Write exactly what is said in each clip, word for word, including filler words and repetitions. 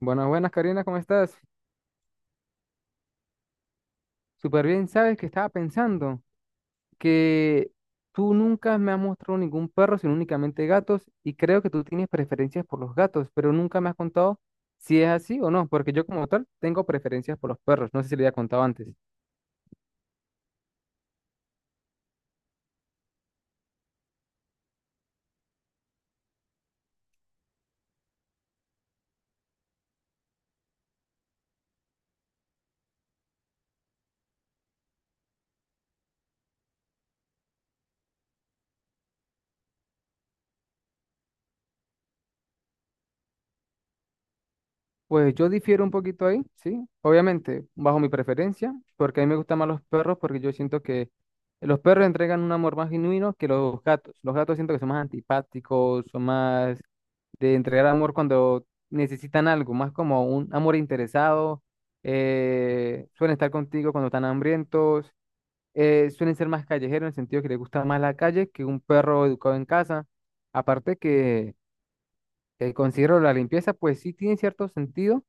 Buenas, buenas, Karina, ¿cómo estás? Súper bien, sabes que estaba pensando que tú nunca me has mostrado ningún perro, sino únicamente gatos, y creo que tú tienes preferencias por los gatos, pero nunca me has contado si es así o no, porque yo como tal tengo preferencias por los perros, no sé si le había contado antes. Pues yo difiero un poquito ahí, sí, obviamente, bajo mi preferencia, porque a mí me gustan más los perros, porque yo siento que los perros entregan un amor más genuino que los gatos. Los gatos siento que son más antipáticos, son más de entregar amor cuando necesitan algo, más como un amor interesado, eh, suelen estar contigo cuando están hambrientos, eh, suelen ser más callejeros en el sentido que les gusta más la calle que un perro educado en casa. Aparte que eh, considero la limpieza, pues sí tiene cierto sentido,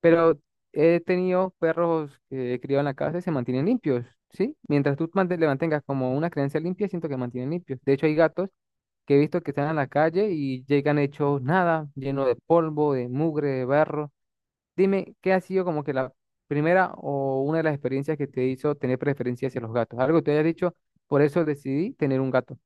pero he tenido perros que he criado en la casa y se mantienen limpios, ¿sí? Mientras tú mante- le mantengas como una creencia limpia, siento que mantienen limpios. De hecho, hay gatos que he visto que están a la calle y llegan hechos nada, lleno de polvo, de mugre, de barro. Dime, ¿qué ha sido como que la primera o una de las experiencias que te hizo tener preferencia hacia los gatos? Algo que te haya dicho, por eso decidí tener un gato.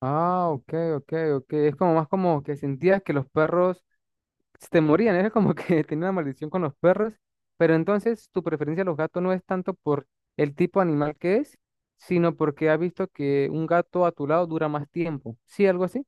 Ah, ok, ok, ok. Es como más como que sentías que los perros se te morían, era como que tenía una maldición con los perros, pero entonces tu preferencia a los gatos no es tanto por el tipo de animal que es, sino porque has visto que un gato a tu lado dura más tiempo. ¿Sí, algo así?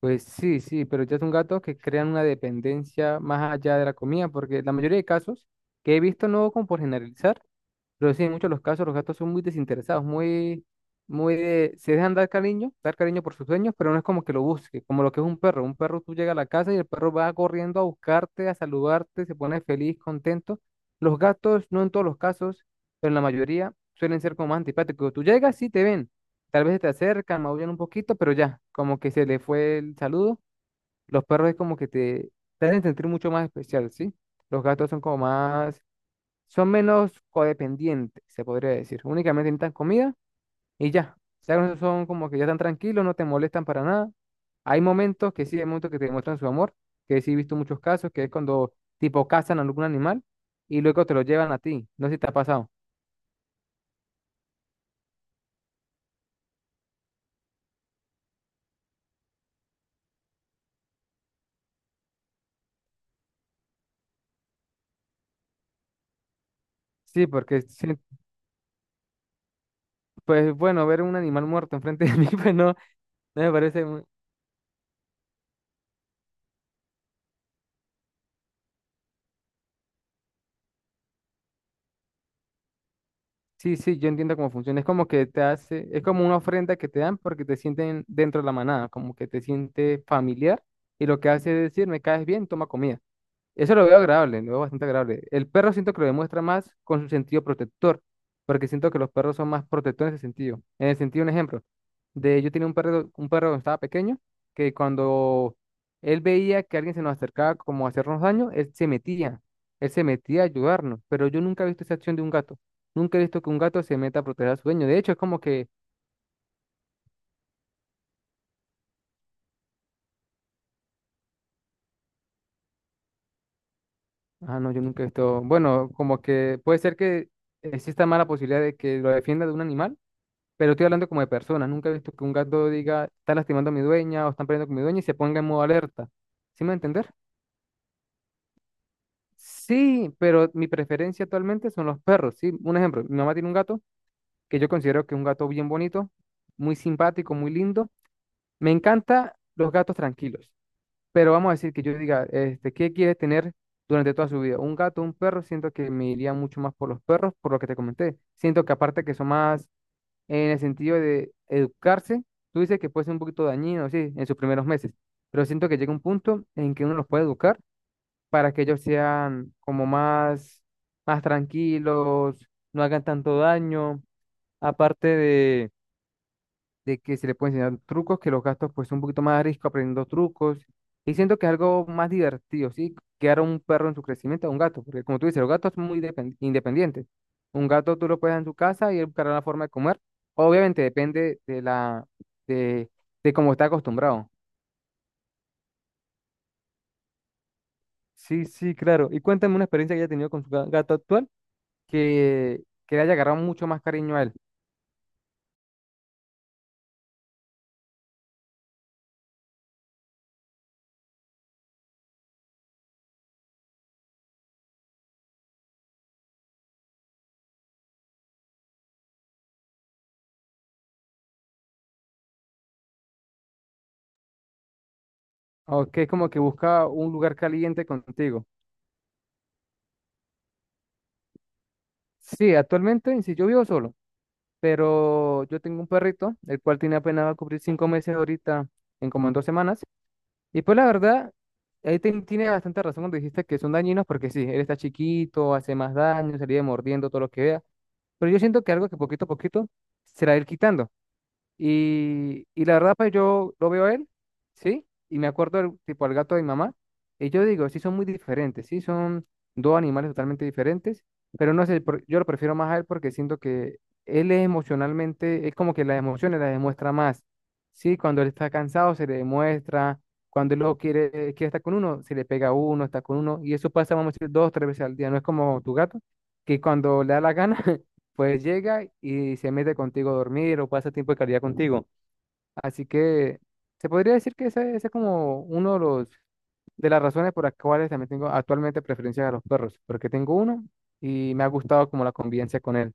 Pues sí, sí, pero ya son gatos que crean una dependencia más allá de la comida, porque la mayoría de casos que he visto, no como por generalizar, pero sí, en muchos de los casos los gatos son muy desinteresados, muy, muy de, se dejan dar cariño, dar cariño por sus dueños, pero no es como que lo busque, como lo que es un perro. Un perro tú llegas a la casa y el perro va corriendo a buscarte, a saludarte, se pone feliz, contento. Los gatos, no en todos los casos, pero en la mayoría suelen ser como más antipáticos. Tú llegas, sí te ven, tal vez se te acercan, maullan un poquito, pero ya, como que se le fue el saludo. Los perros es como que te, te hacen sentir mucho más especial, ¿sí? Los gatos son como más son menos codependientes, se podría decir. Únicamente necesitan comida y ya. O sea, no son como que ya están tranquilos, no te molestan para nada. Hay momentos que sí, hay momentos que te demuestran su amor, que sí he visto muchos casos, que es cuando tipo cazan a algún animal y luego te lo llevan a ti. No sé si te ha pasado. Sí, porque sí, pues bueno, ver un animal muerto enfrente de mí, pues no, no me parece. Sí, sí, yo entiendo cómo funciona. Es como que te hace, es como una ofrenda que te dan porque te sienten dentro de la manada, como que te siente familiar y lo que hace es decir, me caes bien, toma comida. Eso lo veo agradable, lo veo bastante agradable. El perro siento que lo demuestra más con su sentido protector, porque siento que los perros son más protectores en ese sentido. En el sentido, un ejemplo, de yo tenía un perro, un perro cuando estaba pequeño, que cuando él veía que alguien se nos acercaba como a hacernos daño, él se metía, él se metía a ayudarnos, pero yo nunca he visto esa acción de un gato. Nunca he visto que un gato se meta a proteger a su dueño. De hecho, es como que, ah, no, yo nunca he visto, bueno, como que puede ser que exista mala posibilidad de que lo defienda de un animal. Pero estoy hablando como de personas. Nunca he visto que un gato diga, está lastimando a mi dueña o están peleando con mi dueña y se ponga en modo alerta. ¿Sí me va a entender? Sí, pero mi preferencia actualmente son los perros. Sí, un ejemplo, mi mamá tiene un gato que yo considero que es un gato bien bonito, muy simpático, muy lindo. Me encanta los gatos tranquilos, pero vamos a decir que yo diga, este, ¿qué quiere tener durante toda su vida? ¿Un gato, un perro? Siento que me iría mucho más por los perros, por lo que te comenté. Siento que aparte que son más en el sentido de educarse, tú dices que puede ser un poquito dañino, sí, en sus primeros meses, pero siento que llega un punto en que uno los puede educar para que ellos sean como más, más tranquilos, no hagan tanto daño, aparte de de que se le pueden enseñar trucos, que los gastos pues son un poquito más a riesgo aprendiendo trucos. Y siento que es algo más divertido, ¿sí? Criar a un perro en su crecimiento a un gato, porque como tú dices, los gatos son muy depen- independientes. Un gato tú lo puedes dar en su casa y él buscará la forma de comer. Obviamente depende de la de, de cómo está acostumbrado. Sí, sí, claro. Y cuéntame una experiencia que haya tenido con su ga- gato actual, que, que le haya agarrado mucho más cariño a él, o que es como que busca un lugar caliente contigo. Sí, actualmente, si yo vivo solo, pero yo tengo un perrito, el cual tiene apenas va a cubrir cinco meses ahorita, en como en dos semanas. Y pues la verdad, ahí ten- tiene bastante razón cuando dijiste que son dañinos, porque sí, él está chiquito, hace más daño, se le vive mordiendo todo lo que vea. Pero yo siento que algo que poquito a poquito se la va a ir quitando. Y, y la verdad, pues yo lo veo a él, ¿sí? Y me acuerdo del tipo al gato de mi mamá. Y yo digo, sí, son muy diferentes, sí, son dos animales totalmente diferentes, pero no sé, por- yo lo prefiero más a él porque siento que él es emocionalmente, es como que las emociones las demuestra más, ¿sí? Cuando él está cansado se le demuestra, cuando él lo quiere, quiere estar con uno, se le pega a uno, está con uno, y eso pasa, vamos a decir, dos, tres veces al día, no es como tu gato, que cuando le da la gana, pues llega y se mete contigo a dormir o pasa tiempo de calidad contigo. Así que se podría decir que ese, ese es como uno de los de las razones por las cuales también tengo actualmente preferencia a los perros, porque tengo uno y me ha gustado como la convivencia con él.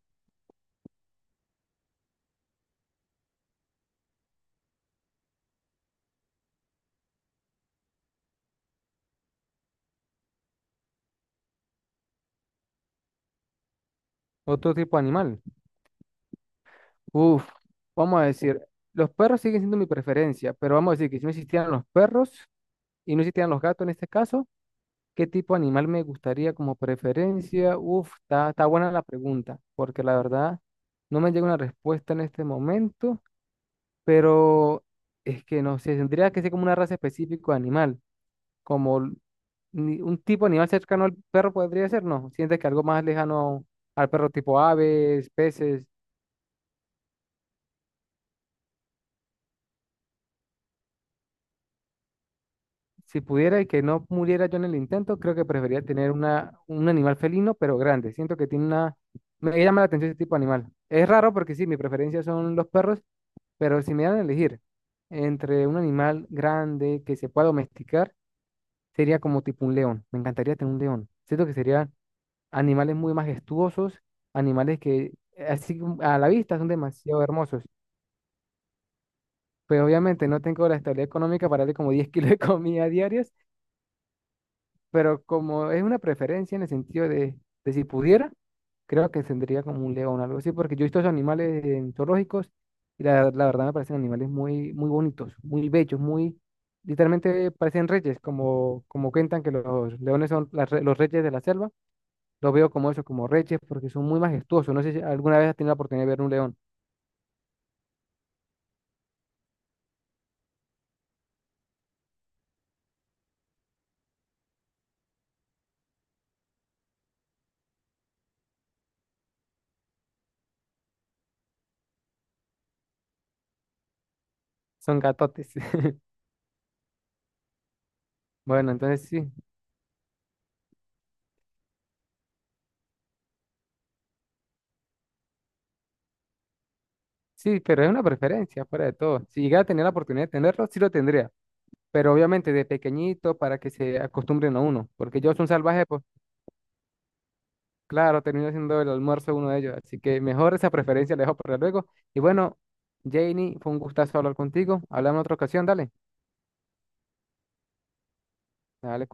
Otro tipo de animal. Uf, vamos a decir, los perros siguen siendo mi preferencia, pero vamos a decir que si no existieran los perros y no existieran los gatos en este caso, ¿qué tipo de animal me gustaría como preferencia? Uf, está, está buena la pregunta, porque la verdad no me llega una respuesta en este momento, pero es que no sé, tendría que ser como una raza específica de animal, como l- ni- un tipo de animal cercano al perro podría ser, ¿no? Sientes que algo más lejano al perro tipo aves, peces. Si pudiera y que no muriera yo en el intento, creo que preferiría tener una, un animal felino, pero grande. Siento que tiene una... Me llama la atención ese tipo de animal. Es raro porque sí, mi preferencia son los perros. Pero si me dan a elegir entre un animal grande que se pueda domesticar, sería como tipo un león. Me encantaría tener un león. Siento que serían animales muy majestuosos, animales que así como a la vista son demasiado hermosos. Pero obviamente no tengo la estabilidad económica para darle como diez kilos de comida diarias, pero como es una preferencia en el sentido de, de si pudiera, creo que tendría como un león, o algo así, porque yo he visto esos animales en zoológicos y la, la verdad me parecen animales muy, muy bonitos, muy bellos, muy, literalmente parecen reyes, como, como cuentan que los leones son las re- los reyes de la selva, los veo como eso, como reyes, porque son muy majestuosos, no sé si alguna vez has tenido la oportunidad de ver un león, son gatotes. Bueno, entonces sí, sí, pero es una preferencia, fuera de todo. Si llegara a tener la oportunidad de tenerlo, sí lo tendría. Pero obviamente de pequeñito para que se acostumbren a uno, porque yo soy un salvaje, pues claro, termino haciendo el almuerzo uno de ellos, así que mejor esa preferencia la dejo para luego. Y bueno, Janie, fue un gustazo hablar contigo, hablamos en otra ocasión, dale, dale,